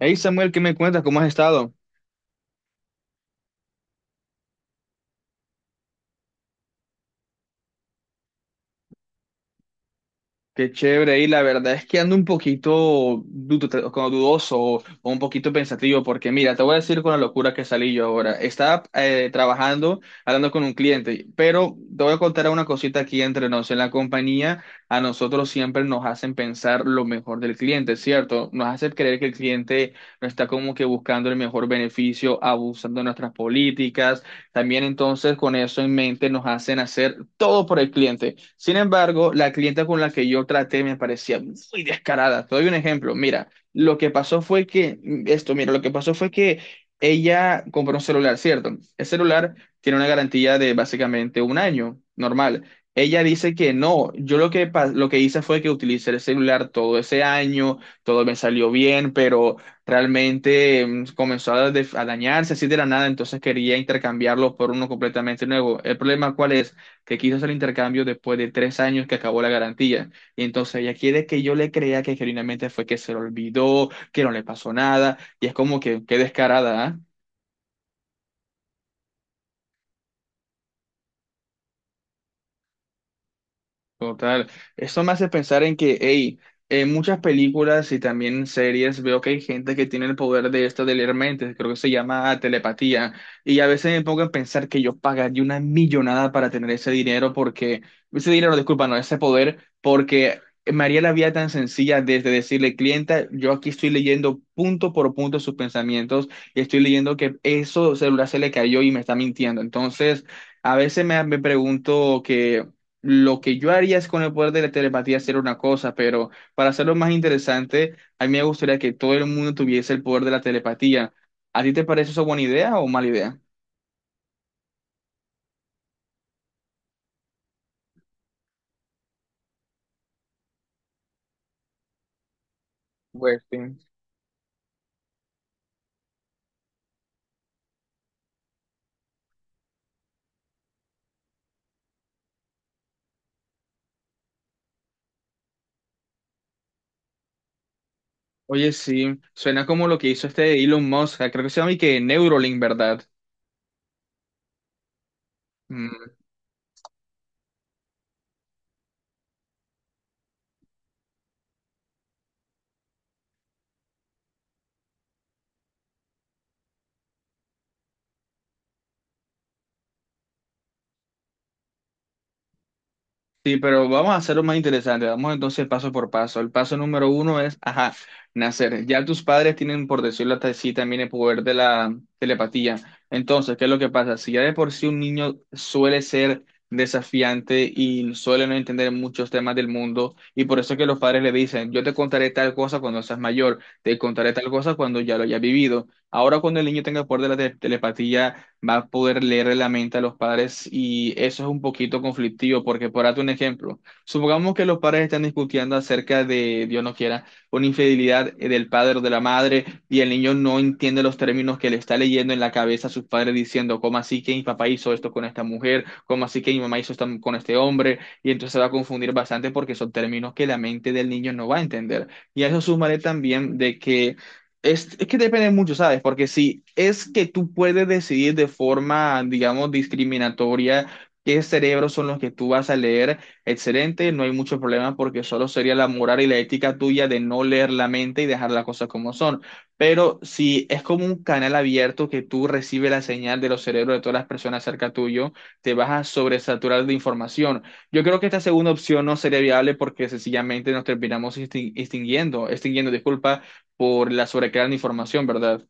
Hey Samuel, ¿qué me cuentas? ¿Cómo has estado? Qué chévere. Y la verdad es que ando un poquito como dudoso o un poquito pensativo porque mira, te voy a decir con la locura que salí yo ahora. Estaba trabajando, hablando con un cliente, pero te voy a contar una cosita aquí entre nos. En la compañía, a nosotros siempre nos hacen pensar lo mejor del cliente, ¿cierto? Nos hace creer que el cliente no está como que buscando el mejor beneficio, abusando de nuestras políticas. También entonces con eso en mente nos hacen hacer todo por el cliente. Sin embargo, la clienta con la que yo traté me parecía muy descarada. Te doy un ejemplo. Mira, lo que pasó fue que, mm, esto, mira, lo que pasó fue que ella compró un celular, ¿cierto? El celular tiene una garantía de básicamente un año, normal. Ella dice que no, yo lo que, pa- lo que hice fue que utilicé el celular todo ese año, todo me salió bien, pero realmente comenzó a, a dañarse así de la nada, entonces quería intercambiarlo por uno completamente nuevo. El problema, ¿cuál es? Que quiso hacer el intercambio después de tres años que acabó la garantía. Y entonces ella quiere que yo le crea que genuinamente fue que se le olvidó, que no le pasó nada, y es como que, qué descarada, ¿ah? Total. Eso me hace pensar en que, hey, en muchas películas y también en series veo que hay gente que tiene el poder de esto de leer mentes, creo que se llama telepatía. Y a veces me pongo a pensar que yo pagaría una millonada para tener ese dinero porque, ese dinero, disculpa, no, ese poder, porque me haría la vida tan sencilla desde decirle, clienta, yo aquí estoy leyendo punto por punto sus pensamientos y estoy leyendo que eso celular se le cayó y me está mintiendo. Entonces... A veces me pregunto que lo que yo haría es con el poder de la telepatía hacer una cosa, pero para hacerlo más interesante, a mí me gustaría que todo el mundo tuviese el poder de la telepatía. ¿A ti te parece eso buena idea o mala idea? Pues sí. Oye, sí, suena como lo que hizo este Elon Musk, creo que se llama y que Neuralink, ¿verdad? Sí, pero vamos a hacerlo más interesante. Vamos entonces paso por paso. El paso número uno es, ajá, nacer. Ya tus padres tienen, por decirlo hasta así, también el poder de la telepatía. Entonces, ¿qué es lo que pasa? Si ya de por sí un niño suele ser desafiante y suele no entender muchos temas del mundo, y por eso es que los padres le dicen, yo te contaré tal cosa cuando seas mayor, te contaré tal cosa cuando ya lo hayas vivido. Ahora, cuando el niño tenga el poder de la telepatía, va a poder leer la mente a los padres y eso es un poquito conflictivo porque, por darte un ejemplo, supongamos que los padres están discutiendo acerca de, Dios no quiera, una infidelidad del padre o de la madre y el niño no entiende los términos que le está leyendo en la cabeza a sus padres diciendo, ¿cómo así que mi papá hizo esto con esta mujer? ¿Cómo así que mi mamá hizo esto con este hombre? Y entonces se va a confundir bastante porque son términos que la mente del niño no va a entender. Y a eso sumaré también de que es que depende mucho, ¿sabes? Porque si es que tú puedes decidir de forma, digamos, discriminatoria qué cerebros son los que tú vas a leer, excelente, no hay mucho problema porque solo sería la moral y la ética tuya de no leer la mente y dejar las cosas como son. Pero si es como un canal abierto que tú recibes la señal de los cerebros de todas las personas cerca tuyo, te vas a sobresaturar de información. Yo creo que esta segunda opción no sería viable porque sencillamente nos terminamos extinguiendo, disculpa, por la sobrecarga de información, ¿verdad?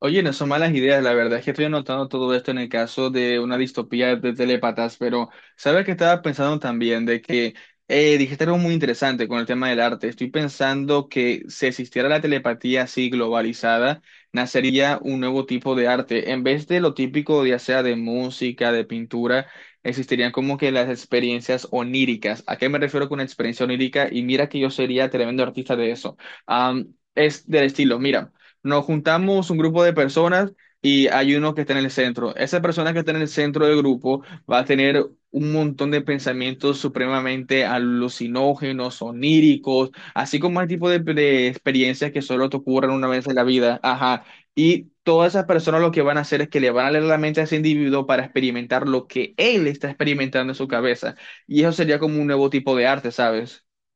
Oye, no son malas ideas, la verdad es que estoy anotando todo esto en el caso de una distopía de telépatas, pero sabes que estaba pensando también de que dijiste algo muy interesante con el tema del arte. Estoy pensando que si existiera la telepatía así globalizada, nacería un nuevo tipo de arte. En vez de lo típico, ya sea de música, de pintura, existirían como que las experiencias oníricas. ¿A qué me refiero con experiencia onírica? Y mira que yo sería tremendo artista de eso. Es del estilo, mira. Nos juntamos un grupo de personas y hay uno que está en el centro. Esa persona que está en el centro del grupo va a tener un montón de pensamientos supremamente alucinógenos, oníricos, así como el tipo de experiencias que solo te ocurren una vez en la vida. Ajá. Y todas esas personas lo que van a hacer es que le van a leer la mente a ese individuo para experimentar lo que él está experimentando en su cabeza. Y eso sería como un nuevo tipo de arte, ¿sabes?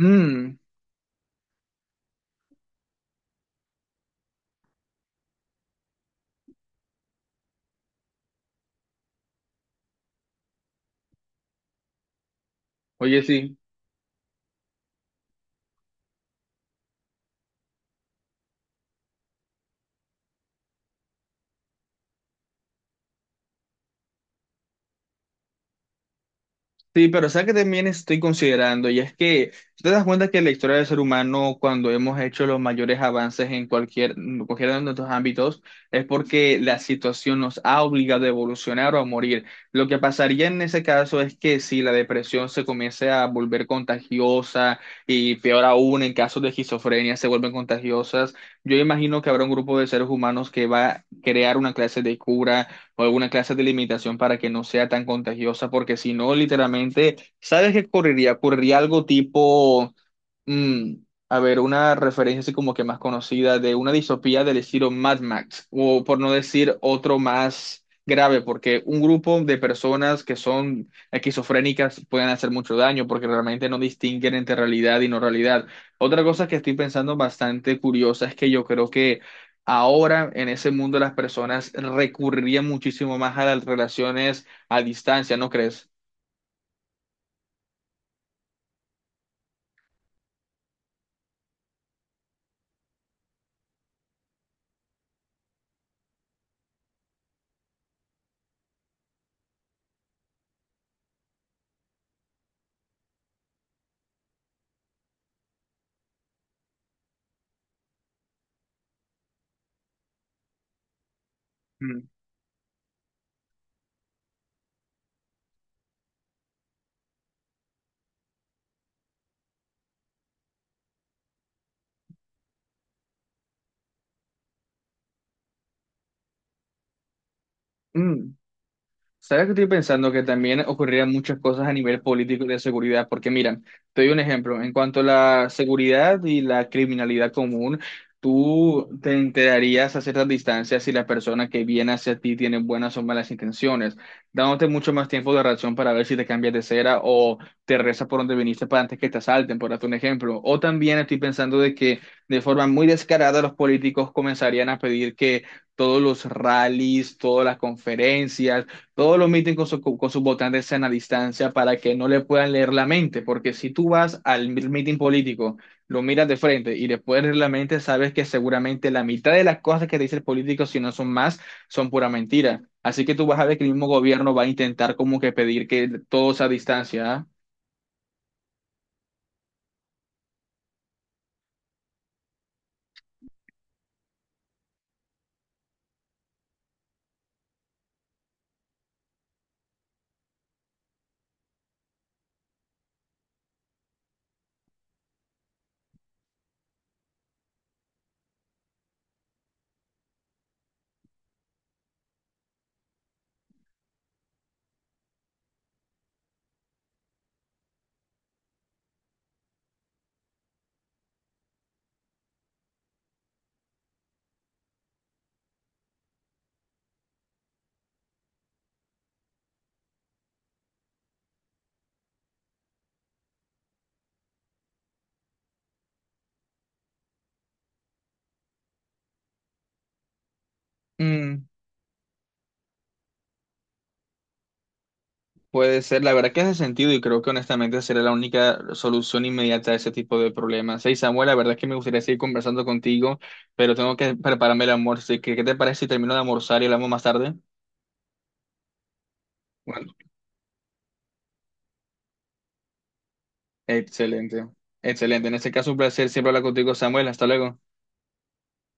Mm. Oye, sí. Sí, pero ¿sabes que también estoy considerando? Y es que si te das cuenta que la historia del ser humano, cuando hemos hecho los mayores avances en cualquiera de nuestros ámbitos, es porque la situación nos ha obligado a evolucionar o a morir. Lo que pasaría en ese caso es que si la depresión se comienza a volver contagiosa y peor aún en casos de esquizofrenia se vuelven contagiosas, yo imagino que habrá un grupo de seres humanos que va a crear una clase de cura o alguna clase de limitación para que no sea tan contagiosa, porque si no, literalmente, ¿sabes qué ocurriría? Ocurriría algo tipo, mm, a ver, una referencia así como que más conocida de una distopía del estilo Mad Max, o por no decir otro más grave, porque un grupo de personas que son esquizofrénicas pueden hacer mucho daño porque realmente no distinguen entre realidad y no realidad. Otra cosa que estoy pensando bastante curiosa es que yo creo que ahora en ese mundo las personas recurrirían muchísimo más a las relaciones a distancia, ¿no crees? Mm. Mm. ¿Sabes que estoy pensando? Que también ocurrirían muchas cosas a nivel político y de seguridad, porque mira, te doy un ejemplo, en cuanto a la seguridad y la criminalidad común, tú te enterarías a ciertas distancias si la persona que viene hacia ti tiene buenas o malas intenciones, dándote mucho más tiempo de reacción para ver si te cambias de cera o te reza por donde viniste para antes que te asalten, por darte un ejemplo. O también estoy pensando de que de forma muy descarada los políticos comenzarían a pedir que... todos los rallies, todas las conferencias, todos los miten con sus votantes sean a distancia para que no le puedan leer la mente, porque si tú vas al mitin político, lo miras de frente y le puedes leer la mente, sabes que seguramente la mitad de las cosas que te dice el político, si no son más, son pura mentira. Así que tú vas a ver que el mismo gobierno va a intentar como que pedir que todo sea a distancia. ¿Ah? Mm. Puede ser, la verdad que hace sentido y creo que honestamente será la única solución inmediata a ese tipo de problemas. Hey Samuel, la verdad es que me gustaría seguir conversando contigo, pero tengo que prepararme el almuerzo, así que ¿qué te parece si termino de almorzar y hablamos más tarde? Bueno, excelente, excelente. En este caso un placer siempre hablar contigo, Samuel. Hasta luego.